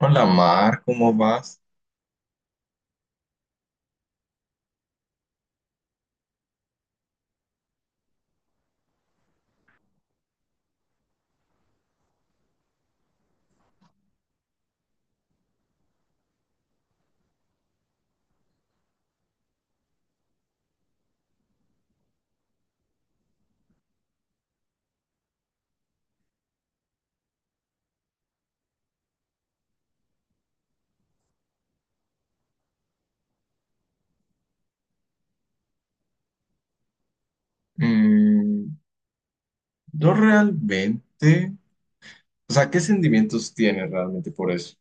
Hola Mar, ¿cómo vas? Mm, yo realmente, o sea, ¿qué sentimientos tienes realmente por eso?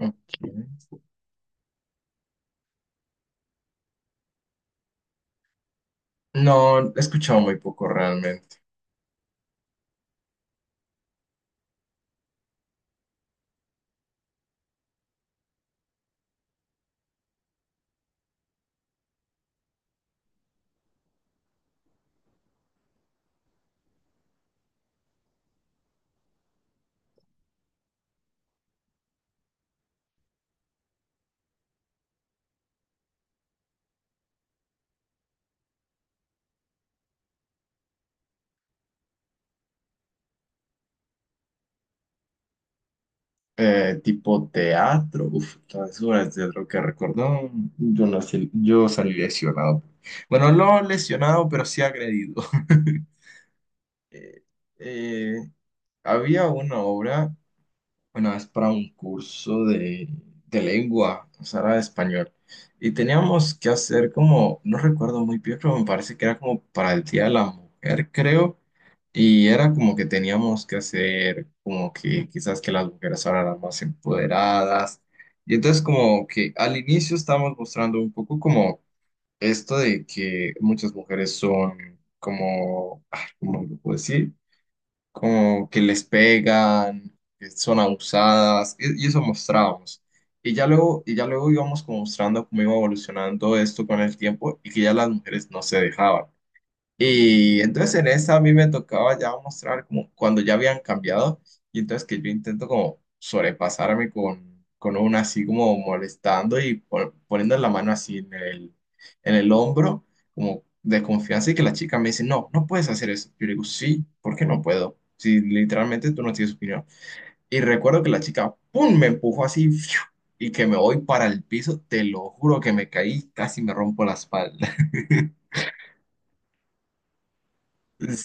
Ok. No, he escuchado muy poco realmente. Tipo teatro, uff, las obras de teatro que recordó, yo salí lesionado. Bueno, no lesionado, pero sí agredido. Eh, eh, había una obra. Una vez para un curso de lengua, o sea, era de español. Y teníamos que hacer como, no recuerdo muy bien, pero me parece que era como para el Día de la Mujer, creo. Y era como que teníamos que hacer como que quizás que las mujeres ahora eran más empoderadas. Y entonces como que al inicio estábamos mostrando un poco como esto de que muchas mujeres son como, ah, ¿cómo lo puedo decir? Como que les pegan, que son abusadas, y eso mostrábamos. Y ya luego íbamos como mostrando cómo iba evolucionando esto con el tiempo y que ya las mujeres no se dejaban. Y entonces en esa a mí me tocaba ya mostrar como cuando ya habían cambiado y entonces que yo intento como sobrepasarme con una así como molestando y poniendo la mano así en en el hombro como de confianza y que la chica me dice, no, no puedes hacer eso. Yo le digo, sí, ¿por qué no puedo? Si literalmente tú no tienes opinión. Y recuerdo que la chica, ¡pum!, me empujó así, ¡fiu!, y que me voy para el piso, te lo juro que me caí, casi me rompo la espalda.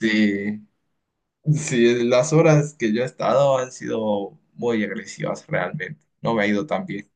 Sí. Sí, las horas que yo he estado han sido muy agresivas realmente. No me ha ido tan bien.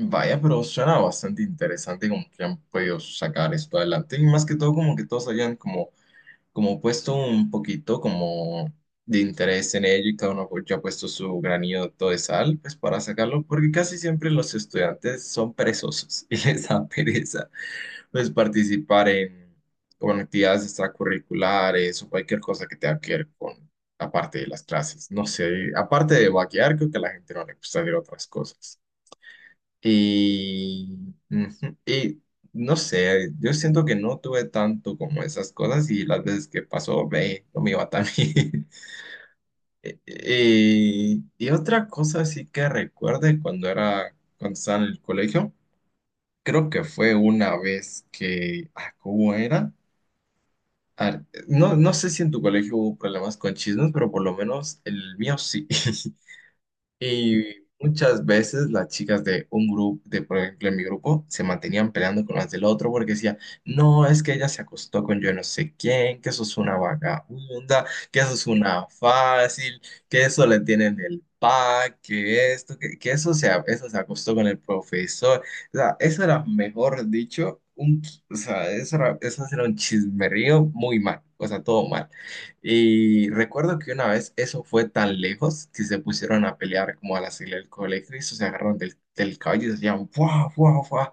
Vaya, pero suena bastante interesante como que han podido sacar esto adelante. Y más que todo, como que todos hayan como, como puesto un poquito como de interés en ello y cada uno pues, ya ha puesto su granito de sal pues para sacarlo, porque casi siempre los estudiantes son perezosos y les da pereza pues participar en, como actividades extracurriculares o cualquier cosa que tenga que ver con aparte de las clases. No sé, aparte de vaquear, creo que a la gente no le gusta hacer otras cosas. Y, ujú, y no sé, yo siento que no tuve tanto como esas cosas y las veces que pasó, ve, no me iba tan bien. Y otra cosa sí que recuerde cuando estaba en el colegio, creo que fue una vez que, ah, ¿cómo era? A no, no sé si en tu colegio hubo problemas con chismes, pero por lo menos el mío sí. Y muchas veces las chicas de un grupo, de por ejemplo en mi grupo, se mantenían peleando con las del otro porque decía, no, es que ella se acostó con yo no sé quién, que eso es una vagabunda, que eso es una fácil, que eso le tienen el pack, que esto, que eso eso se acostó con el profesor. O sea, eso era, mejor dicho, o sea, eso era un chismerío muy mal, o sea, todo mal. Y recuerdo que una vez eso fue tan lejos que se pusieron a pelear como a la salida del colegio y eso se agarraron del cabello y decían, ¡buah, buah, buah!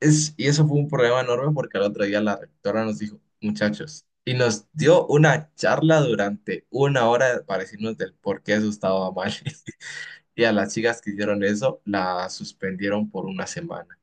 Y eso fue un problema enorme porque al otro día la rectora nos dijo, muchachos, y nos dio una charla durante una hora para decirnos del por qué eso estaba mal. Y a las chicas que hicieron eso, la suspendieron por una semana.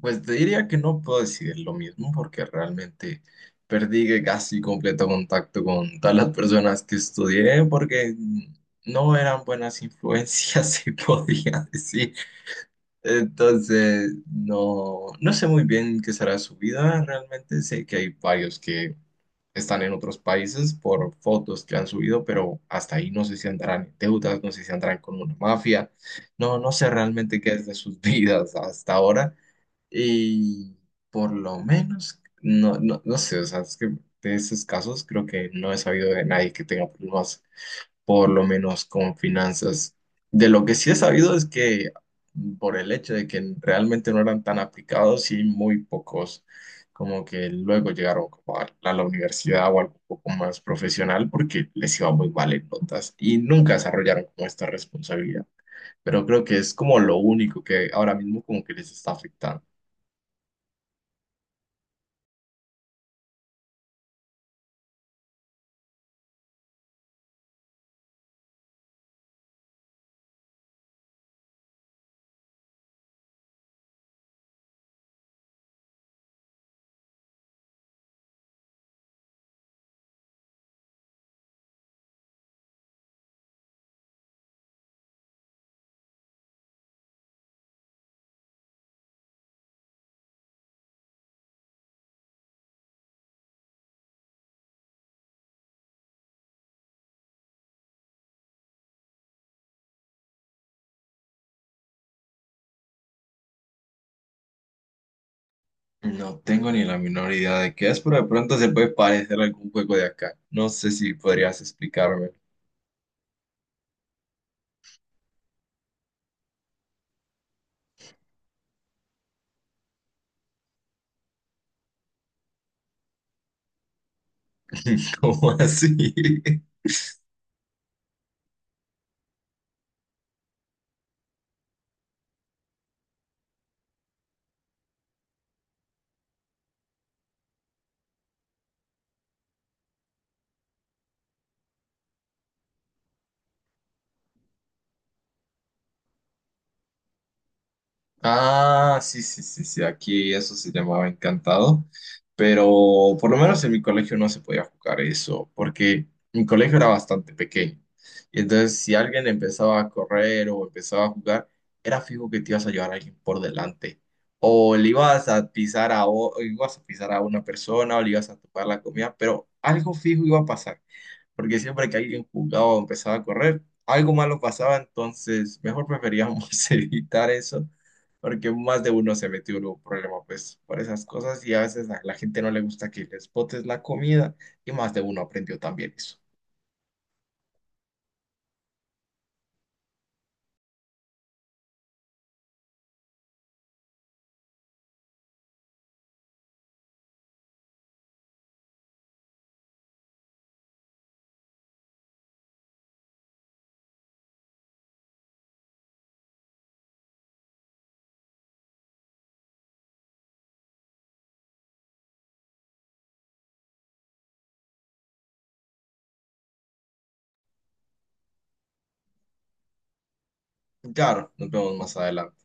Pues te diría que no puedo decidir lo mismo porque realmente perdí casi completo contacto con todas las personas que estudié porque no eran buenas influencias, se podía decir. Entonces, no, no sé muy bien qué será su vida. Realmente sé que hay varios que están en otros países por fotos que han subido, pero hasta ahí no sé si andarán en deudas, no sé si andarán con una mafia. No, no sé realmente qué es de sus vidas hasta ahora. Y por lo menos, no sé, o sea, es que de esos casos creo que no he sabido de nadie que tenga problemas, por lo menos con finanzas. De lo que sí he sabido es que por el hecho de que realmente no eran tan aplicados y muy pocos, como que luego llegaron como a la universidad o algo un poco más profesional porque les iba muy mal en notas y nunca desarrollaron como esta responsabilidad. Pero creo que es como lo único que ahora mismo como que les está afectando. No tengo ni la menor idea de qué es, pero de pronto se puede parecer a algún juego de acá. No sé si podrías explicarme cómo así. Ah, sí, sí, sí, sí, aquí eso se llamaba encantado, pero por lo menos en mi colegio no se podía jugar eso, porque mi colegio era bastante pequeño. Y entonces si alguien empezaba a correr o empezaba a jugar, era fijo que te ibas a llevar a alguien por delante. O le ibas a pisar o ibas a pisar a una persona o le ibas a topar la comida, pero algo fijo iba a pasar, porque siempre que alguien jugaba o empezaba a correr, algo malo pasaba, entonces mejor preferíamos evitar eso porque más de uno se metió en un problema pues por esas cosas y a veces a la gente no le gusta que les botes la comida y más de uno aprendió también eso. Claro, nos vemos más adelante.